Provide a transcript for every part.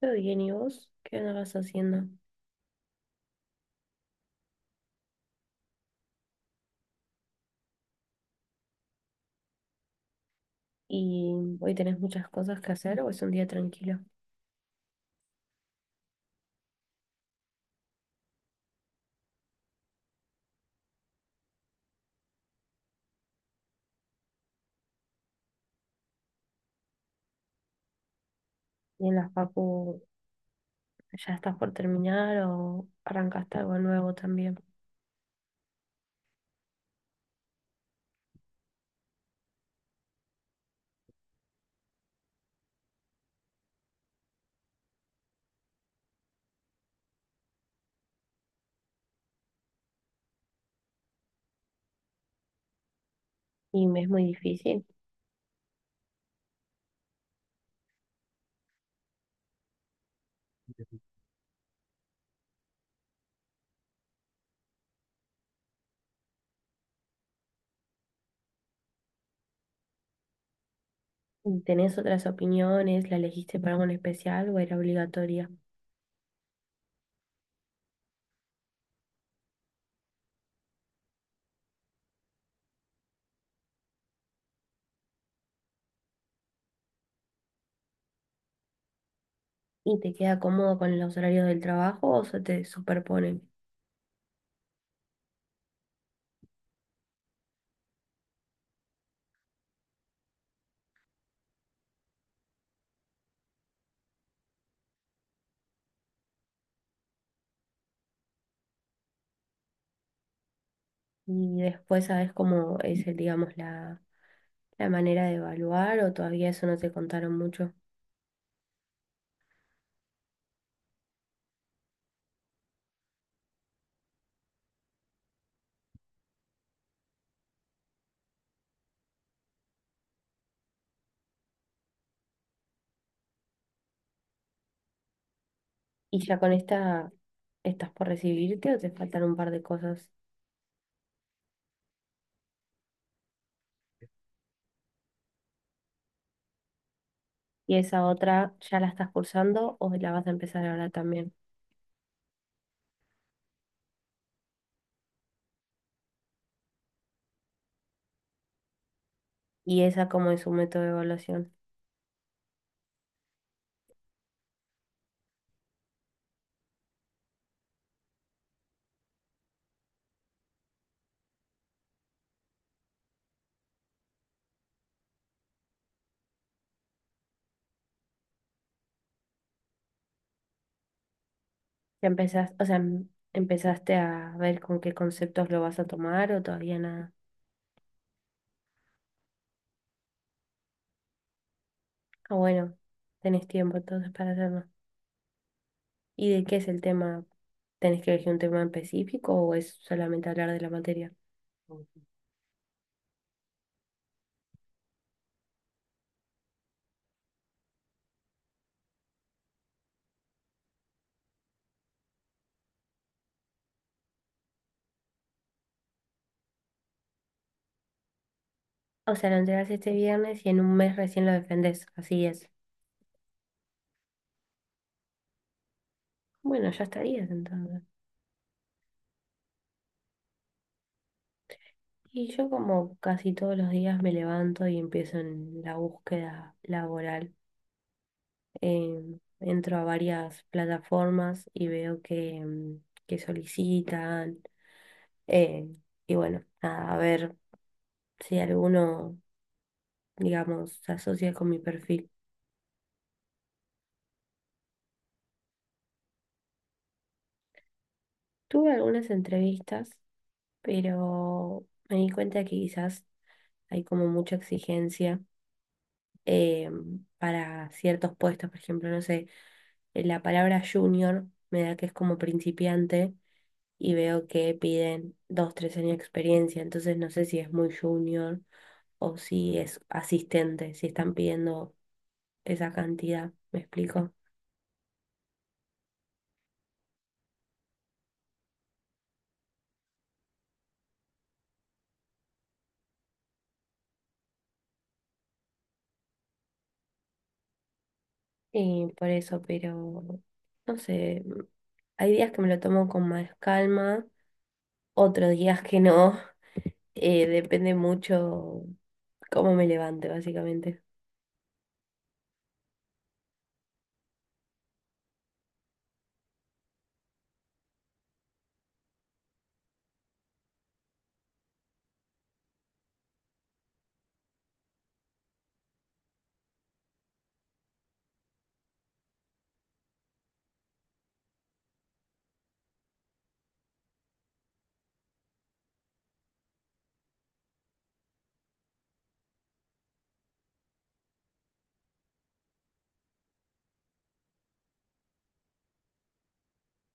Todo bien, ¿y vos? ¿Qué andabas haciendo? ¿Y hoy tenés muchas cosas que hacer o es un día tranquilo? ¿Y en las papu ya estás por terminar o arrancaste algo nuevo también? Y me es muy difícil. ¿Tenés otras opiniones? ¿La elegiste para algo en especial o era obligatoria? ¿Y te queda cómodo con los horarios del trabajo o se te superponen? Y después sabes cómo es, el, digamos, la manera de evaluar o todavía eso no te contaron mucho. Y ya con esta estás por recibirte o te faltan un par de cosas. Y esa otra, ¿ya la estás cursando o la vas a empezar ahora también? Y esa como es su método de evaluación. ¿Ya empezás, o sea, empezaste a ver con qué conceptos lo vas a tomar o todavía nada? Ah, bueno, tenés tiempo entonces para hacerlo. ¿Y de qué es el tema? ¿Tenés que elegir un tema en específico o es solamente hablar de la materia? O sea, lo entregas este viernes y en un mes recién lo defendés. Así es. Bueno, ya estarías entonces. Y yo como casi todos los días me levanto y empiezo en la búsqueda laboral. Entro a varias plataformas y veo que, que solicitan. eh, y bueno, nada, a ver si alguno, digamos, se asocia con mi perfil. Tuve algunas entrevistas, pero me di cuenta que quizás hay como mucha exigencia eh, para ciertos puestos, por ejemplo, no sé, la palabra junior me da que es como principiante y veo que piden dos, tres años de experiencia, entonces no sé si es muy junior o si es asistente, si están pidiendo esa cantidad, ¿me explico? Y por eso, pero no sé, hay días que me lo tomo con más calma, otros días que no, depende mucho cómo me levante, básicamente.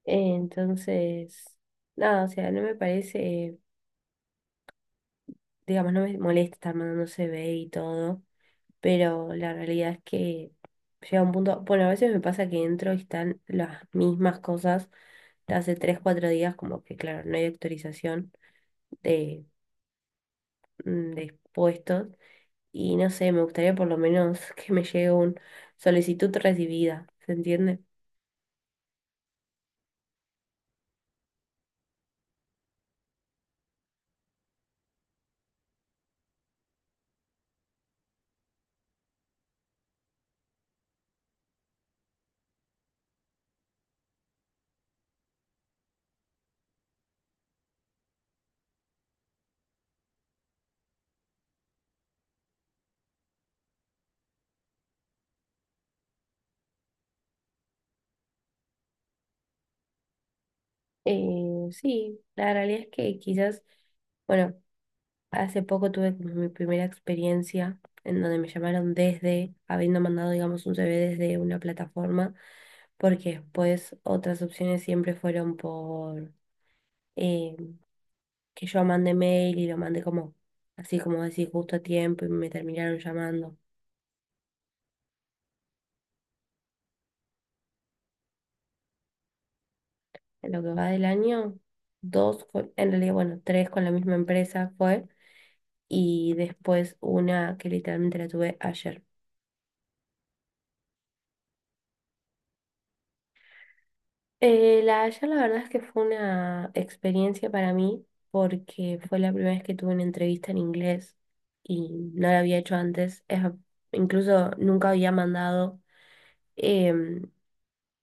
Entonces, nada, o sea, no me parece, digamos, no me molesta estar mandando CV y todo, pero la realidad es que llega un punto, bueno, a veces me pasa que entro y están las mismas cosas de hace 3 4 días, como que claro, no hay actualización de, mm, de puestos y no sé, me gustaría por lo menos que me llegue un solicitud recibida, ¿se entiende? Sí, la realidad es que quizás... Bueno, hace poco tuve como mi primera experiencia en donde me llamaron desde, habiendo mandado, digamos, un CV desde una plataforma, porque después otras opciones siempre fueron por eh, que yo mandé mail y lo mandé como, así como decir, justo a tiempo y me terminaron llamando. En lo que va del año, dos, en realidad, bueno, tres con la misma empresa fue, y después una que literalmente la tuve ayer. La verdad es que fue una experiencia para mí porque fue la primera vez que tuve una entrevista en inglés y no la había hecho antes. Incluso nunca había mandado em,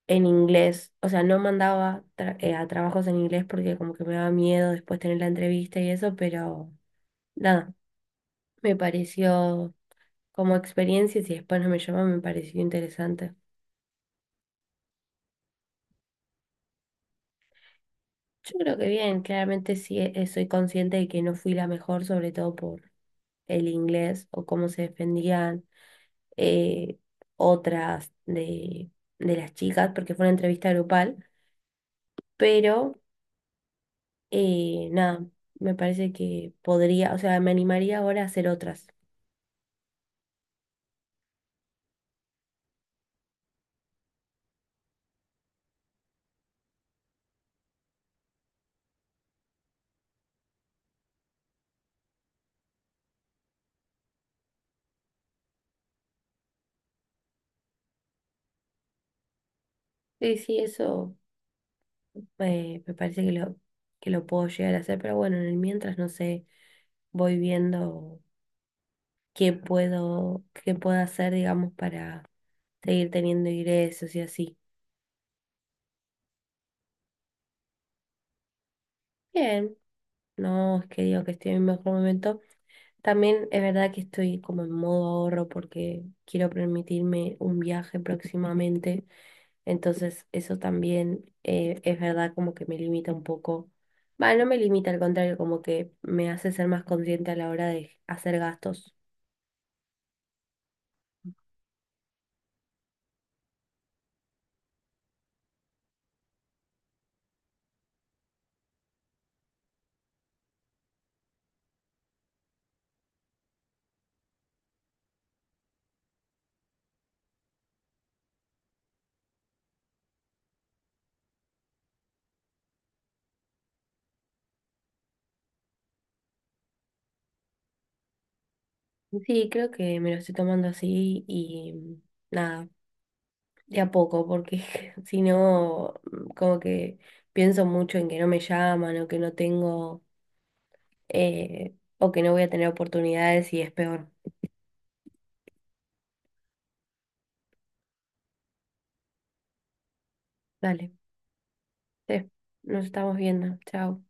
en inglés, o sea, no mandaba tra- a trabajos en inglés porque como que me daba miedo después tener la entrevista y eso, pero nada, me pareció como experiencia y si después no me llaman me pareció interesante. Yo creo que bien, claramente sí soy consciente de que no fui la mejor, sobre todo por el inglés o cómo se defendían eh, otras de las chicas, porque fue una entrevista grupal, pero nada, me parece que podría, o sea, me animaría ahora a hacer otras. Sí, sí, eso me parece que lo puedo llegar a hacer, pero bueno, en el mientras no sé, voy viendo qué puedo hacer, digamos, para seguir teniendo ingresos y así. Bien, no es que digo que estoy en mi mejor momento. También es verdad que estoy como en modo ahorro porque quiero permitirme un viaje próximamente. Entonces eso también es verdad como que me limita un poco. Va, no me limita, al contrario, como que me hace ser más consciente a la hora de hacer gastos. Sí, creo que me lo estoy tomando así y nada, de a poco, porque si no, mm, como que pienso mucho en que no me llaman o que no tengo o que no voy a tener oportunidades y es peor. Dale. Sí, nos estamos viendo. Chao.